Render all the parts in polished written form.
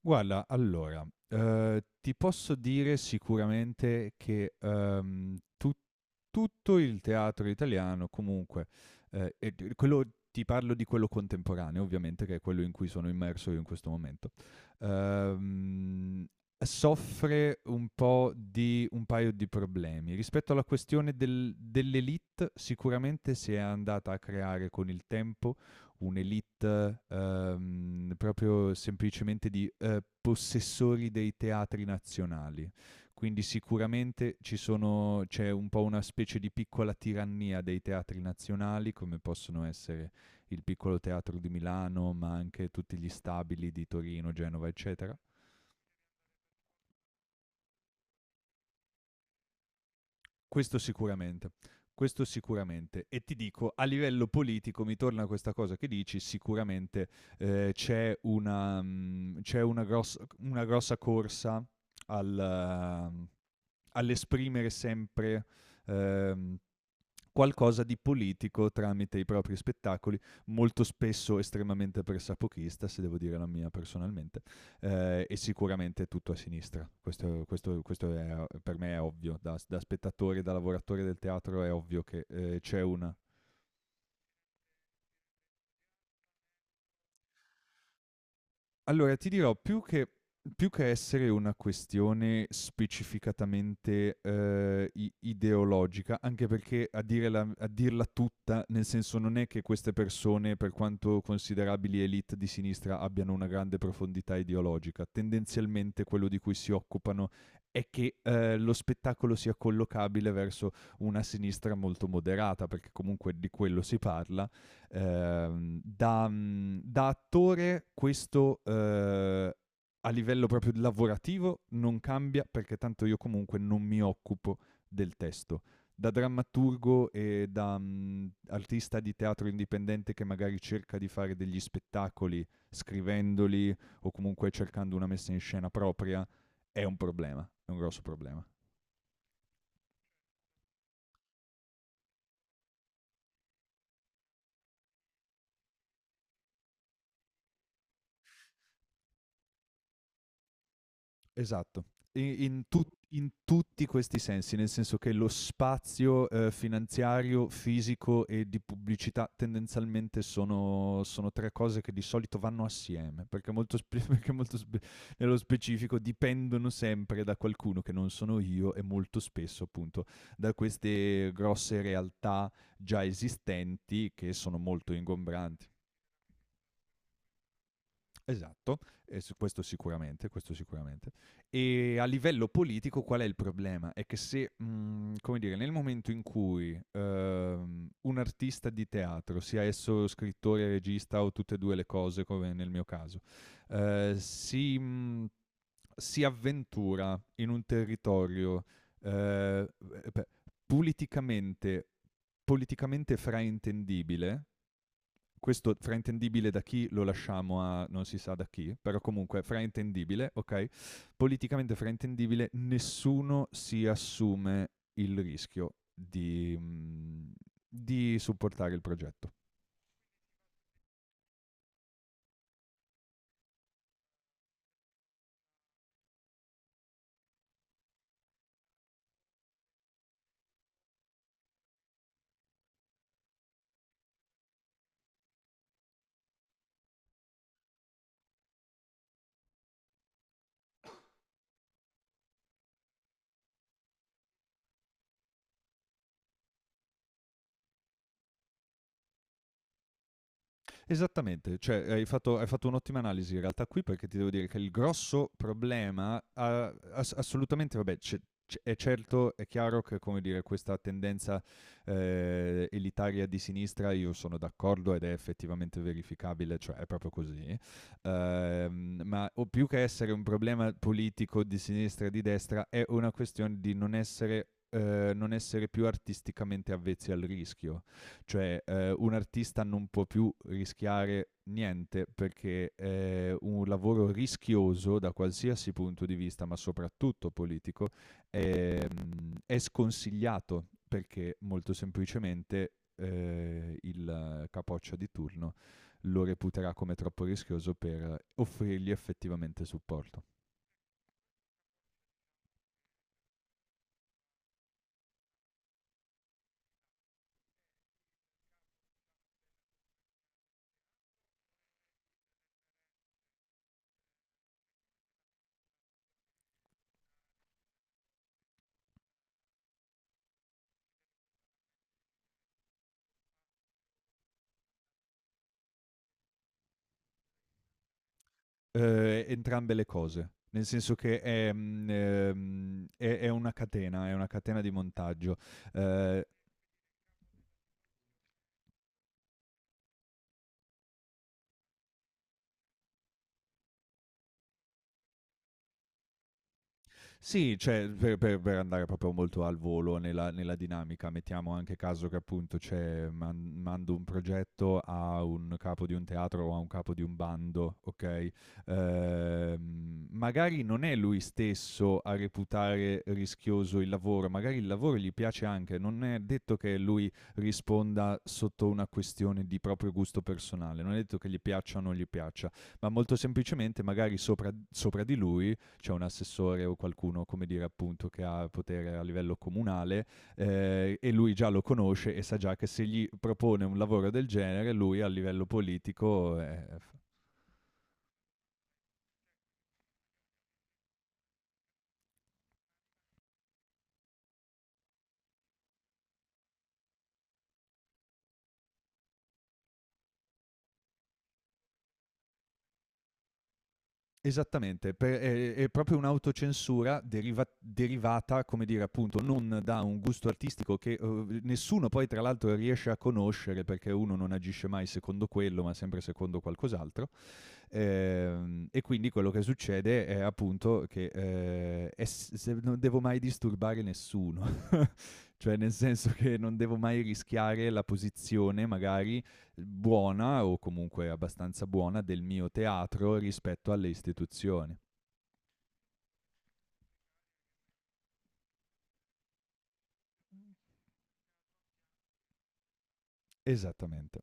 Guarda, allora, ti posso dire sicuramente che, tu tutto il teatro italiano comunque, e d quello ti parlo di quello contemporaneo ovviamente, che è quello in cui sono immerso io in questo momento. ehm, Soffre un po' di un paio di problemi. Rispetto alla questione dell'élite, sicuramente si è andata a creare con il tempo un'elite proprio semplicemente di possessori dei teatri nazionali. Quindi sicuramente c'è un po' una specie di piccola tirannia dei teatri nazionali, come possono essere il piccolo teatro di Milano, ma anche tutti gli stabili di Torino, Genova, eccetera. Questo sicuramente, questo sicuramente. E ti dico, a livello politico, mi torna questa cosa che dici, sicuramente c'è c'è una grossa corsa al, eh, all'esprimere sempre ehm, qualcosa di politico tramite i propri spettacoli, molto spesso estremamente pressapochista, se devo dire la mia personalmente. E sicuramente tutto a sinistra. Per me è ovvio, da spettatore, da lavoratore del teatro è ovvio che c'è una. Allora ti dirò, più che essere una questione specificatamente, i ideologica, anche perché a dire la a dirla tutta, nel senso non è che queste persone, per quanto considerabili élite di sinistra, abbiano una grande profondità ideologica. Tendenzialmente quello di cui si occupano è che, lo spettacolo sia collocabile verso una sinistra molto moderata, perché comunque di quello si parla. Da attore questo a livello proprio lavorativo non cambia perché tanto io comunque non mi occupo del testo. Da drammaturgo e da artista di teatro indipendente che magari cerca di fare degli spettacoli scrivendoli o comunque cercando una messa in scena propria, è un problema, è un grosso problema. Esatto. I in tut In tutti questi sensi, nel senso che lo spazio, finanziario, fisico e di pubblicità tendenzialmente sono 3 cose che di solito vanno assieme, perché molto spe perché molto spe nello specifico dipendono sempre da qualcuno che non sono io e molto spesso appunto da queste grosse realtà già esistenti che sono molto ingombranti. Esatto, e su questo sicuramente, questo sicuramente. E a livello politico qual è il problema? È che se, come dire, nel momento in cui un artista di teatro, sia esso scrittore, regista o tutte e due le cose, come nel mio caso, eh, si, mh, si avventura in un territorio, eh, beh, politicamente politicamente fraintendibile, questo fraintendibile da chi lo lasciamo a non si sa da chi, però comunque fraintendibile, ok? Politicamente fraintendibile, nessuno si assume il rischio di supportare il progetto. Esattamente, cioè hai fatto un'ottima analisi in realtà qui perché ti devo dire che il grosso problema, assolutamente, vabbè, è certo, è chiaro che come dire, questa tendenza elitaria di sinistra io sono d'accordo ed è effettivamente verificabile, cioè è proprio così. Ma o più che essere un problema politico di sinistra e di destra è una questione di non essere più artisticamente avvezzi al rischio. Cioè, un artista non può più rischiare niente perché un lavoro rischioso da qualsiasi punto di vista, ma soprattutto politico, è sconsigliato perché molto semplicemente il capoccia di turno lo reputerà come troppo rischioso per offrirgli effettivamente supporto. Entrambe le cose, nel senso che è una catena di montaggio. Eh, Sì, cioè per andare proprio molto al volo nella, nella dinamica, mettiamo anche caso che appunto mando un progetto a un capo di un teatro o a un capo di un bando, ok? Magari non è lui stesso a reputare rischioso il lavoro, magari il lavoro gli piace anche, non è detto che lui risponda sotto una questione di proprio gusto personale, non è detto che gli piaccia o non gli piaccia, ma molto semplicemente magari sopra di lui c'è un assessore o qualcuno, come dire, appunto, che ha potere a livello comunale, e lui già lo conosce e sa già che se gli propone un lavoro del genere, lui a livello politico è... Esattamente, è, proprio un'autocensura derivata, come dire, appunto, non da un gusto artistico che nessuno poi tra l'altro riesce a conoscere perché uno non agisce mai secondo quello, ma sempre secondo qualcos'altro. E quindi quello che succede è appunto che se non devo mai disturbare nessuno, cioè nel senso che non devo mai rischiare la posizione magari buona o comunque abbastanza buona del mio teatro rispetto alle istituzioni. Esattamente.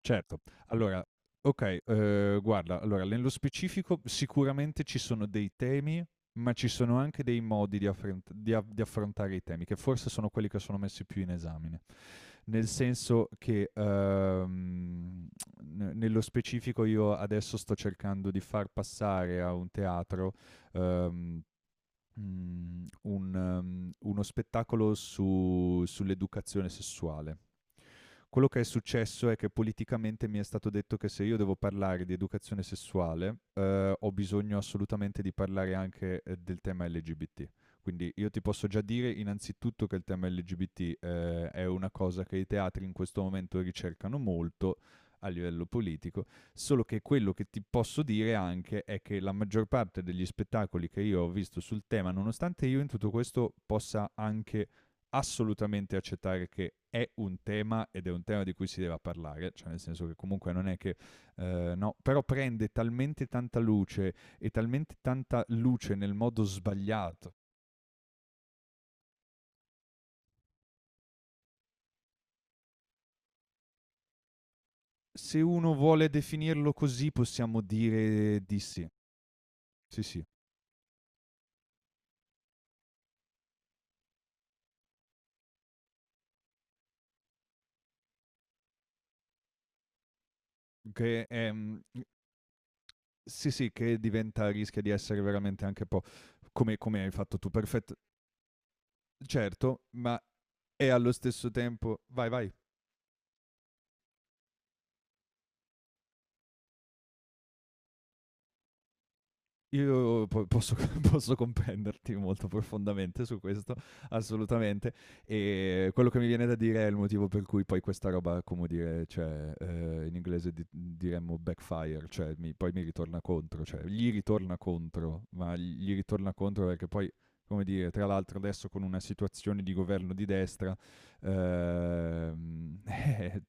Certo. Allora, okay, guarda, allora nello specifico sicuramente ci sono dei temi, ma ci sono anche dei modi di affrent di a di affrontare i temi, che forse sono quelli che sono messi più in esame. Nel senso che, ne nello specifico io adesso sto cercando di far passare a un teatro, uhm, mhmm, un uno spettacolo su sull'educazione sessuale. Quello che è successo è che politicamente mi è stato detto che se io devo parlare di educazione sessuale, ho bisogno assolutamente di parlare anche del tema LGBT. Quindi io ti posso già dire innanzitutto che il tema LGBT è una cosa che i teatri in questo momento ricercano molto a livello politico. Solo che quello che ti posso dire anche è che la maggior parte degli spettacoli che io ho visto sul tema, nonostante io in tutto questo possa anche assolutamente accettare che è un tema ed è un tema di cui si deve parlare, cioè nel senso che comunque non è che no, però prende talmente tanta luce e talmente tanta luce nel modo sbagliato. Se uno vuole definirlo così, possiamo dire di sì. Sì, sì, che è, mm, sì, sì, che diventa rischia di essere veramente anche un po' come, come hai fatto tu, perfetto, certo, ma e allo stesso tempo, vai, vai. Io posso, posso comprenderti molto profondamente su questo, assolutamente. E quello che mi viene da dire è il motivo per cui poi questa roba, come dire, cioè, in inglese diremmo backfire, cioè poi mi ritorna contro, cioè gli ritorna contro, ma gli ritorna contro perché poi, come dire, tra l'altro adesso con una situazione di governo di destra, ehm, eh,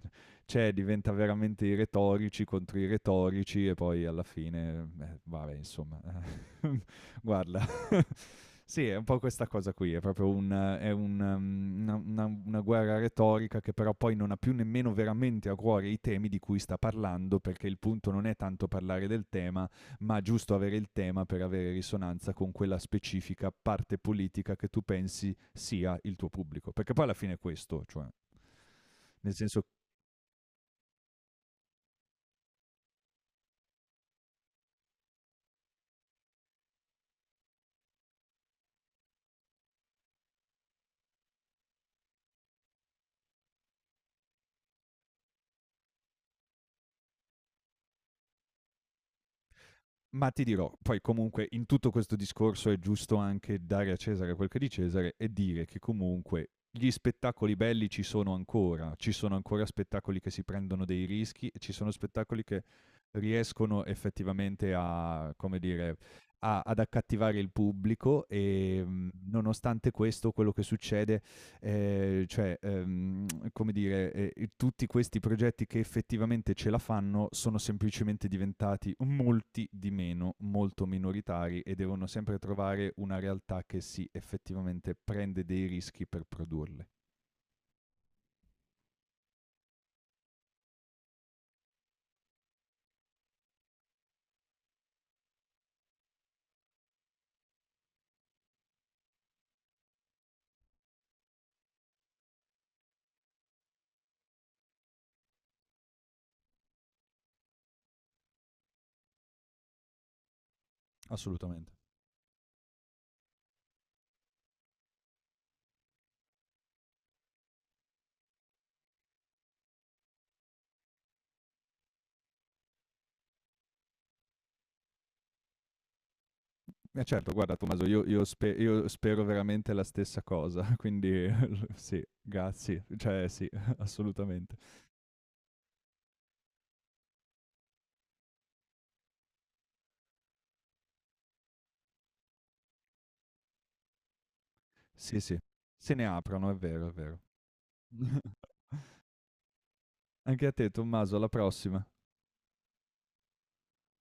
cioè diventa veramente i retorici contro i retorici e poi alla fine, vabbè, insomma. Guarda, sì, è un po' questa cosa qui, è un, una guerra retorica che però poi non ha più nemmeno veramente a cuore i temi di cui sta parlando, perché il punto non è tanto parlare del tema, ma giusto avere il tema per avere risonanza con quella specifica parte politica che tu pensi sia il tuo pubblico. Perché poi alla fine è questo, cioè, nel senso. Ma ti dirò, poi comunque in tutto questo discorso è giusto anche dare a Cesare quel che è di Cesare e dire che comunque gli spettacoli belli ci sono ancora spettacoli che si prendono dei rischi e ci sono spettacoli che riescono effettivamente a, come dire, ad accattivare il pubblico e nonostante questo quello che succede eh, cioè, ehm, come dire, tutti questi progetti che effettivamente ce la fanno sono semplicemente diventati molti di meno, molto minoritari e devono sempre trovare una realtà che si effettivamente prende dei rischi per produrle. Assolutamente. Certo, guarda Tommaso, io spero veramente la stessa cosa, quindi sì, grazie, cioè sì, assolutamente. Sì, sì, se ne aprono, è vero, è vero. Anche a te Tommaso, alla prossima.